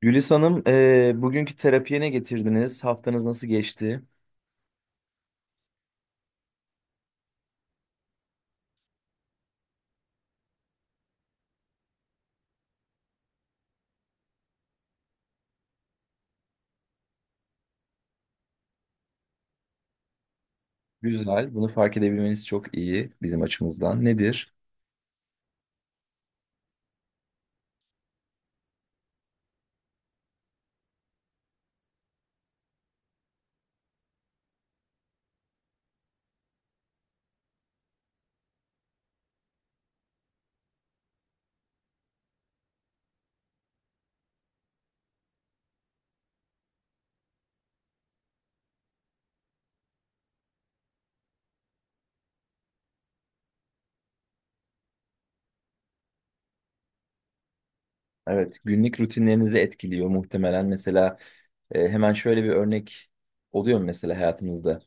Gülis Hanım, bugünkü terapiye ne getirdiniz? Haftanız nasıl geçti? Güzel, bunu fark edebilmeniz çok iyi bizim açımızdan. Nedir? Evet, günlük rutinlerinizi etkiliyor muhtemelen. Mesela hemen şöyle bir örnek oluyor mu mesela hayatımızda?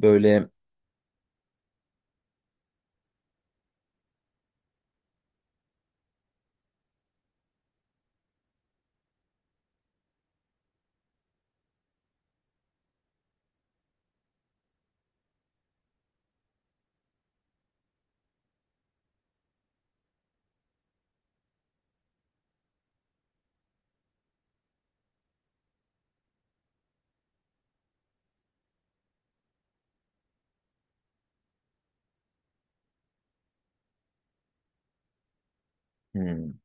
Böyle, hmm,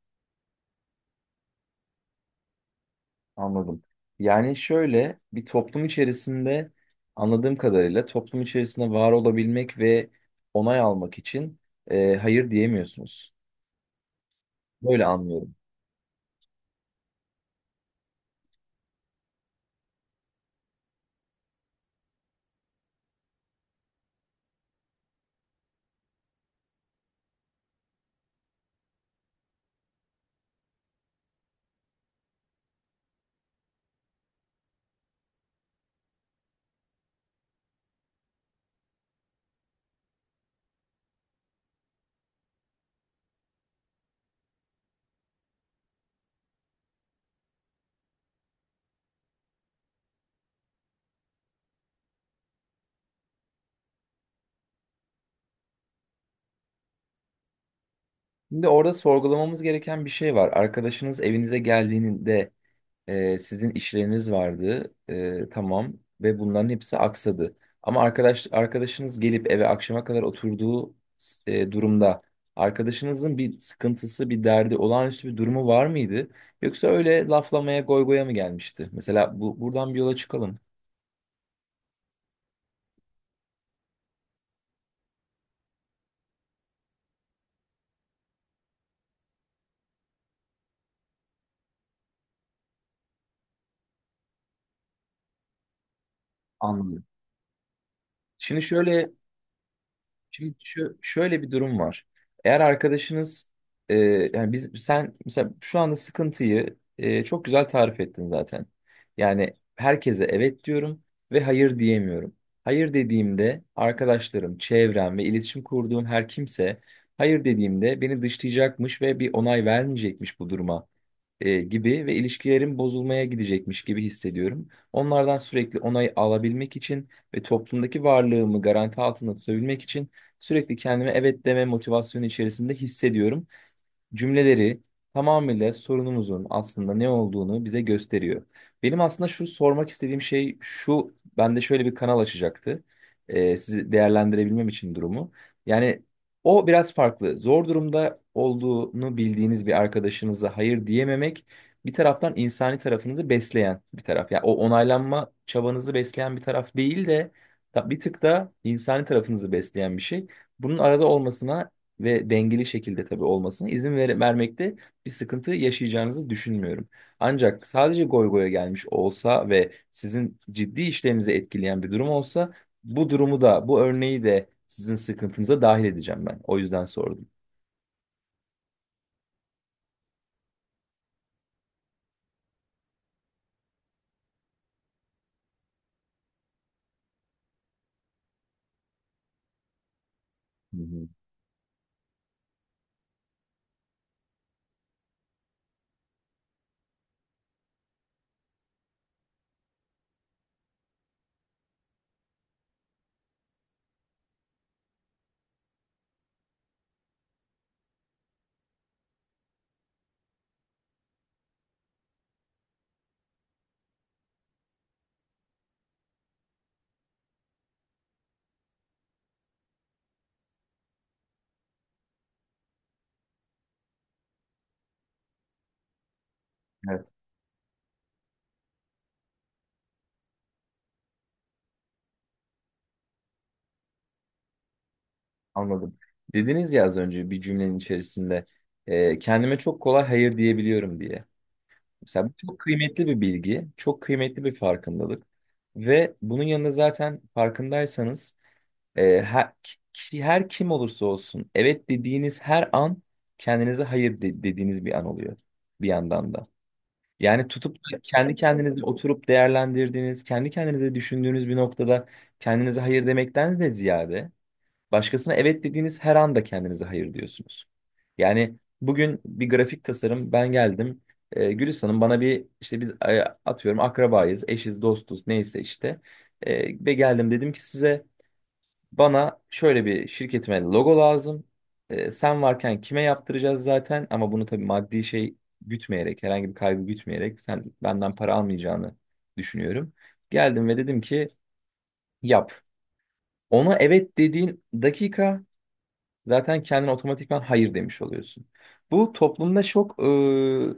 anladım. Yani şöyle bir toplum içerisinde anladığım kadarıyla toplum içerisinde var olabilmek ve onay almak için hayır diyemiyorsunuz. Böyle anlıyorum. Şimdi orada sorgulamamız gereken bir şey var. Arkadaşınız evinize geldiğinde sizin işleriniz vardı, tamam ve bunların hepsi aksadı. Ama arkadaşınız gelip eve akşama kadar oturduğu durumda arkadaşınızın bir sıkıntısı, bir derdi, olağanüstü bir durumu var mıydı? Yoksa öyle laflamaya, goygoya mı gelmişti? Mesela bu buradan bir yola çıkalım. Anladım. Şimdi şöyle Şimdi şu, şöyle bir durum var. Eğer arkadaşınız e, yani biz sen mesela şu anda sıkıntıyı çok güzel tarif ettin zaten. Yani herkese evet diyorum ve hayır diyemiyorum. Hayır dediğimde arkadaşlarım, çevrem ve iletişim kurduğum her kimse hayır dediğimde beni dışlayacakmış ve bir onay vermeyecekmiş bu duruma gibi ve ilişkilerim bozulmaya gidecekmiş gibi hissediyorum. Onlardan sürekli onay alabilmek için ve toplumdaki varlığımı garanti altında tutabilmek için sürekli kendime evet deme motivasyonu içerisinde hissediyorum cümleleri tamamıyla sorunumuzun aslında ne olduğunu bize gösteriyor. Benim aslında şu sormak istediğim şey şu, bende şöyle bir kanal açacaktı. Sizi değerlendirebilmem için durumu. Yani o biraz farklı. Zor durumda olduğunu bildiğiniz bir arkadaşınıza hayır diyememek bir taraftan insani tarafınızı besleyen bir taraf. Yani o onaylanma çabanızı besleyen bir taraf değil de bir tık da insani tarafınızı besleyen bir şey. Bunun arada olmasına ve dengeli şekilde tabii olmasına vermekte bir sıkıntı yaşayacağınızı düşünmüyorum. Ancak sadece goy goya gelmiş olsa ve sizin ciddi işlerinizi etkileyen bir durum olsa bu durumu da bu örneği de sizin sıkıntınıza dahil edeceğim ben. O yüzden sordum. Hı hı. Evet, anladım. Dediniz ya az önce bir cümlenin içerisinde kendime çok kolay hayır diyebiliyorum diye. Mesela bu çok kıymetli bir bilgi, çok kıymetli bir farkındalık ve bunun yanında zaten farkındaysanız her kim olursa olsun evet dediğiniz her an kendinize hayır de- dediğiniz bir an oluyor bir yandan da. Yani tutup da kendi kendinize oturup değerlendirdiğiniz, kendi kendinize düşündüğünüz bir noktada kendinize hayır demekten de ziyade başkasına evet dediğiniz her anda kendinize hayır diyorsunuz. Yani bugün bir grafik tasarım ben geldim. Gülis Hanım bana bir işte biz atıyorum akrabayız, eşiz, dostuz neyse işte. Ve geldim dedim ki size bana şöyle bir şirketime logo lazım. Sen varken kime yaptıracağız zaten ama bunu tabii maddi şey gütmeyerek, herhangi bir kaybı gütmeyerek sen benden para almayacağını düşünüyorum. Geldim ve dedim ki yap. Ona evet dediğin dakika zaten kendine otomatikman hayır demiş oluyorsun. Bu toplumda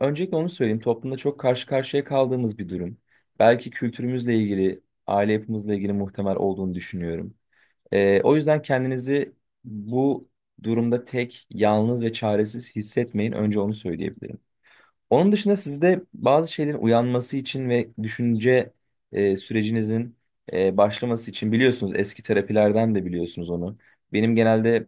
öncelikle onu söyleyeyim. Toplumda çok karşı karşıya kaldığımız bir durum. Belki kültürümüzle ilgili, aile yapımızla ilgili muhtemel olduğunu düşünüyorum. O yüzden kendinizi bu durumda tek, yalnız ve çaresiz hissetmeyin. Önce onu söyleyebilirim. Onun dışında sizde bazı şeylerin uyanması için ve düşünce sürecinizin başlaması için biliyorsunuz eski terapilerden de biliyorsunuz onu. Benim genelde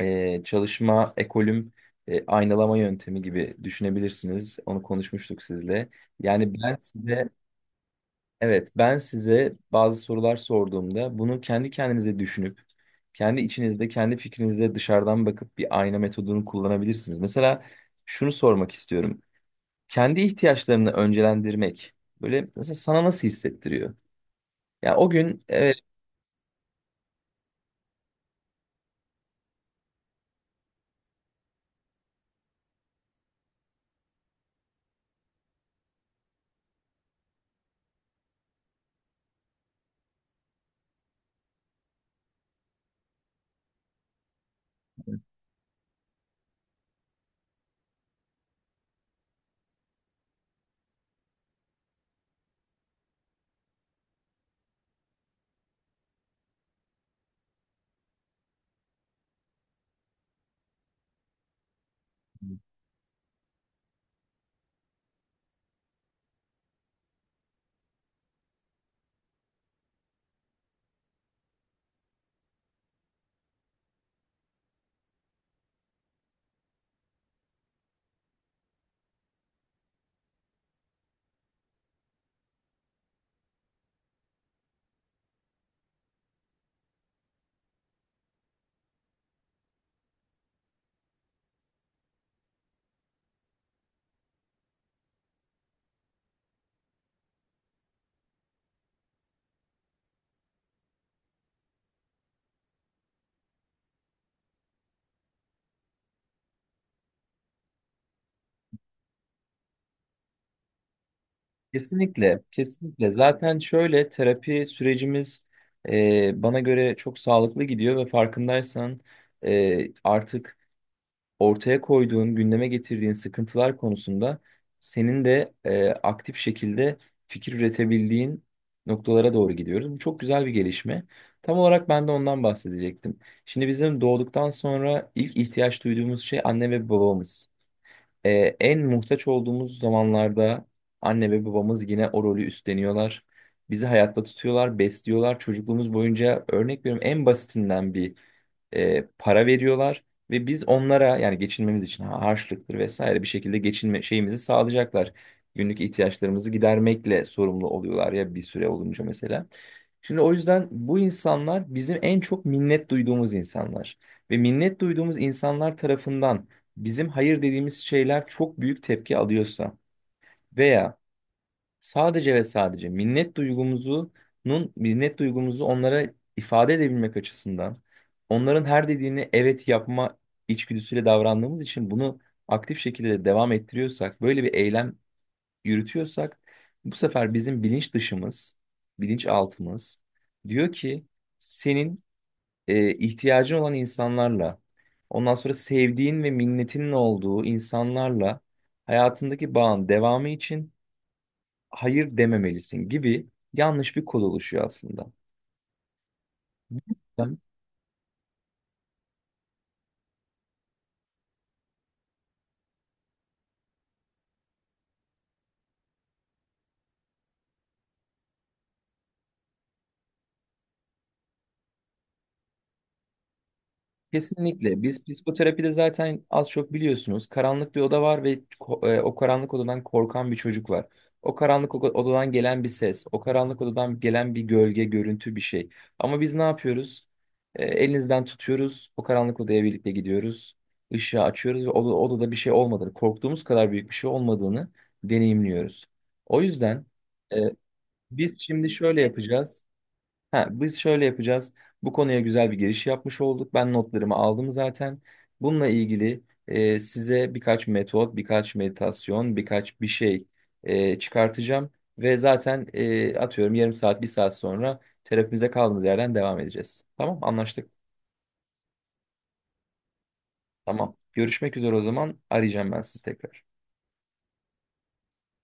çalışma ekolüm aynalama yöntemi gibi düşünebilirsiniz. Onu konuşmuştuk sizle. Yani ben size Evet, ben size bazı sorular sorduğumda bunu kendi kendinize düşünüp, kendi içinizde, kendi fikrinizde dışarıdan bakıp bir ayna metodunu kullanabilirsiniz. Mesela şunu sormak istiyorum. Kendi ihtiyaçlarını öncelendirmek, böyle mesela sana nasıl hissettiriyor? Ya o gün evet, kesinlikle, kesinlikle. Zaten şöyle terapi sürecimiz bana göre çok sağlıklı gidiyor ve farkındaysan artık ortaya koyduğun, gündeme getirdiğin sıkıntılar konusunda senin de aktif şekilde fikir üretebildiğin noktalara doğru gidiyoruz. Bu çok güzel bir gelişme. Tam olarak ben de ondan bahsedecektim. Şimdi bizim doğduktan sonra ilk ihtiyaç duyduğumuz şey anne ve babamız e, en muhtaç olduğumuz zamanlarda anne ve babamız yine o rolü üstleniyorlar. Bizi hayatta tutuyorlar, besliyorlar. Çocukluğumuz boyunca örnek veriyorum en basitinden bir para veriyorlar ve biz onlara yani geçinmemiz için harçlıktır vesaire bir şekilde geçinme şeyimizi sağlayacaklar. Günlük ihtiyaçlarımızı gidermekle sorumlu oluyorlar ya bir süre olunca mesela. Şimdi o yüzden bu insanlar bizim en çok minnet duyduğumuz insanlar ve minnet duyduğumuz insanlar tarafından bizim hayır dediğimiz şeyler çok büyük tepki alıyorsa veya sadece ve sadece minnet duygumuzu onlara ifade edebilmek açısından onların her dediğini evet yapma içgüdüsüyle davrandığımız için bunu aktif şekilde devam ettiriyorsak, böyle bir eylem yürütüyorsak bu sefer bizim bilinç dışımız, bilinç altımız diyor ki senin ihtiyacın olan insanlarla, ondan sonra sevdiğin ve minnetinin olduğu insanlarla hayatındaki bağın devamı için hayır dememelisin gibi yanlış bir kod oluşuyor aslında. Kesinlikle. Biz psikoterapide zaten az çok biliyorsunuz. Karanlık bir oda var ve o karanlık odadan korkan bir çocuk var. Odadan gelen bir ses, o karanlık odadan gelen bir gölge, görüntü bir şey. Ama biz ne yapıyoruz? Elinizden tutuyoruz, o karanlık odaya birlikte gidiyoruz. Işığı açıyoruz ve odada bir şey olmadığını, korktuğumuz kadar büyük bir şey olmadığını deneyimliyoruz. O yüzden e, biz şimdi şöyle yapacağız. Ha, biz şöyle yapacağız. Bu konuya güzel bir giriş yapmış olduk. Ben notlarımı aldım zaten. Bununla ilgili size birkaç metot, birkaç meditasyon, birkaç bir şey çıkartacağım. Ve zaten atıyorum yarım saat, bir saat sonra terapimize kaldığımız yerden devam edeceğiz. Tamam, anlaştık. Tamam. Görüşmek üzere o zaman. Arayacağım ben sizi tekrar.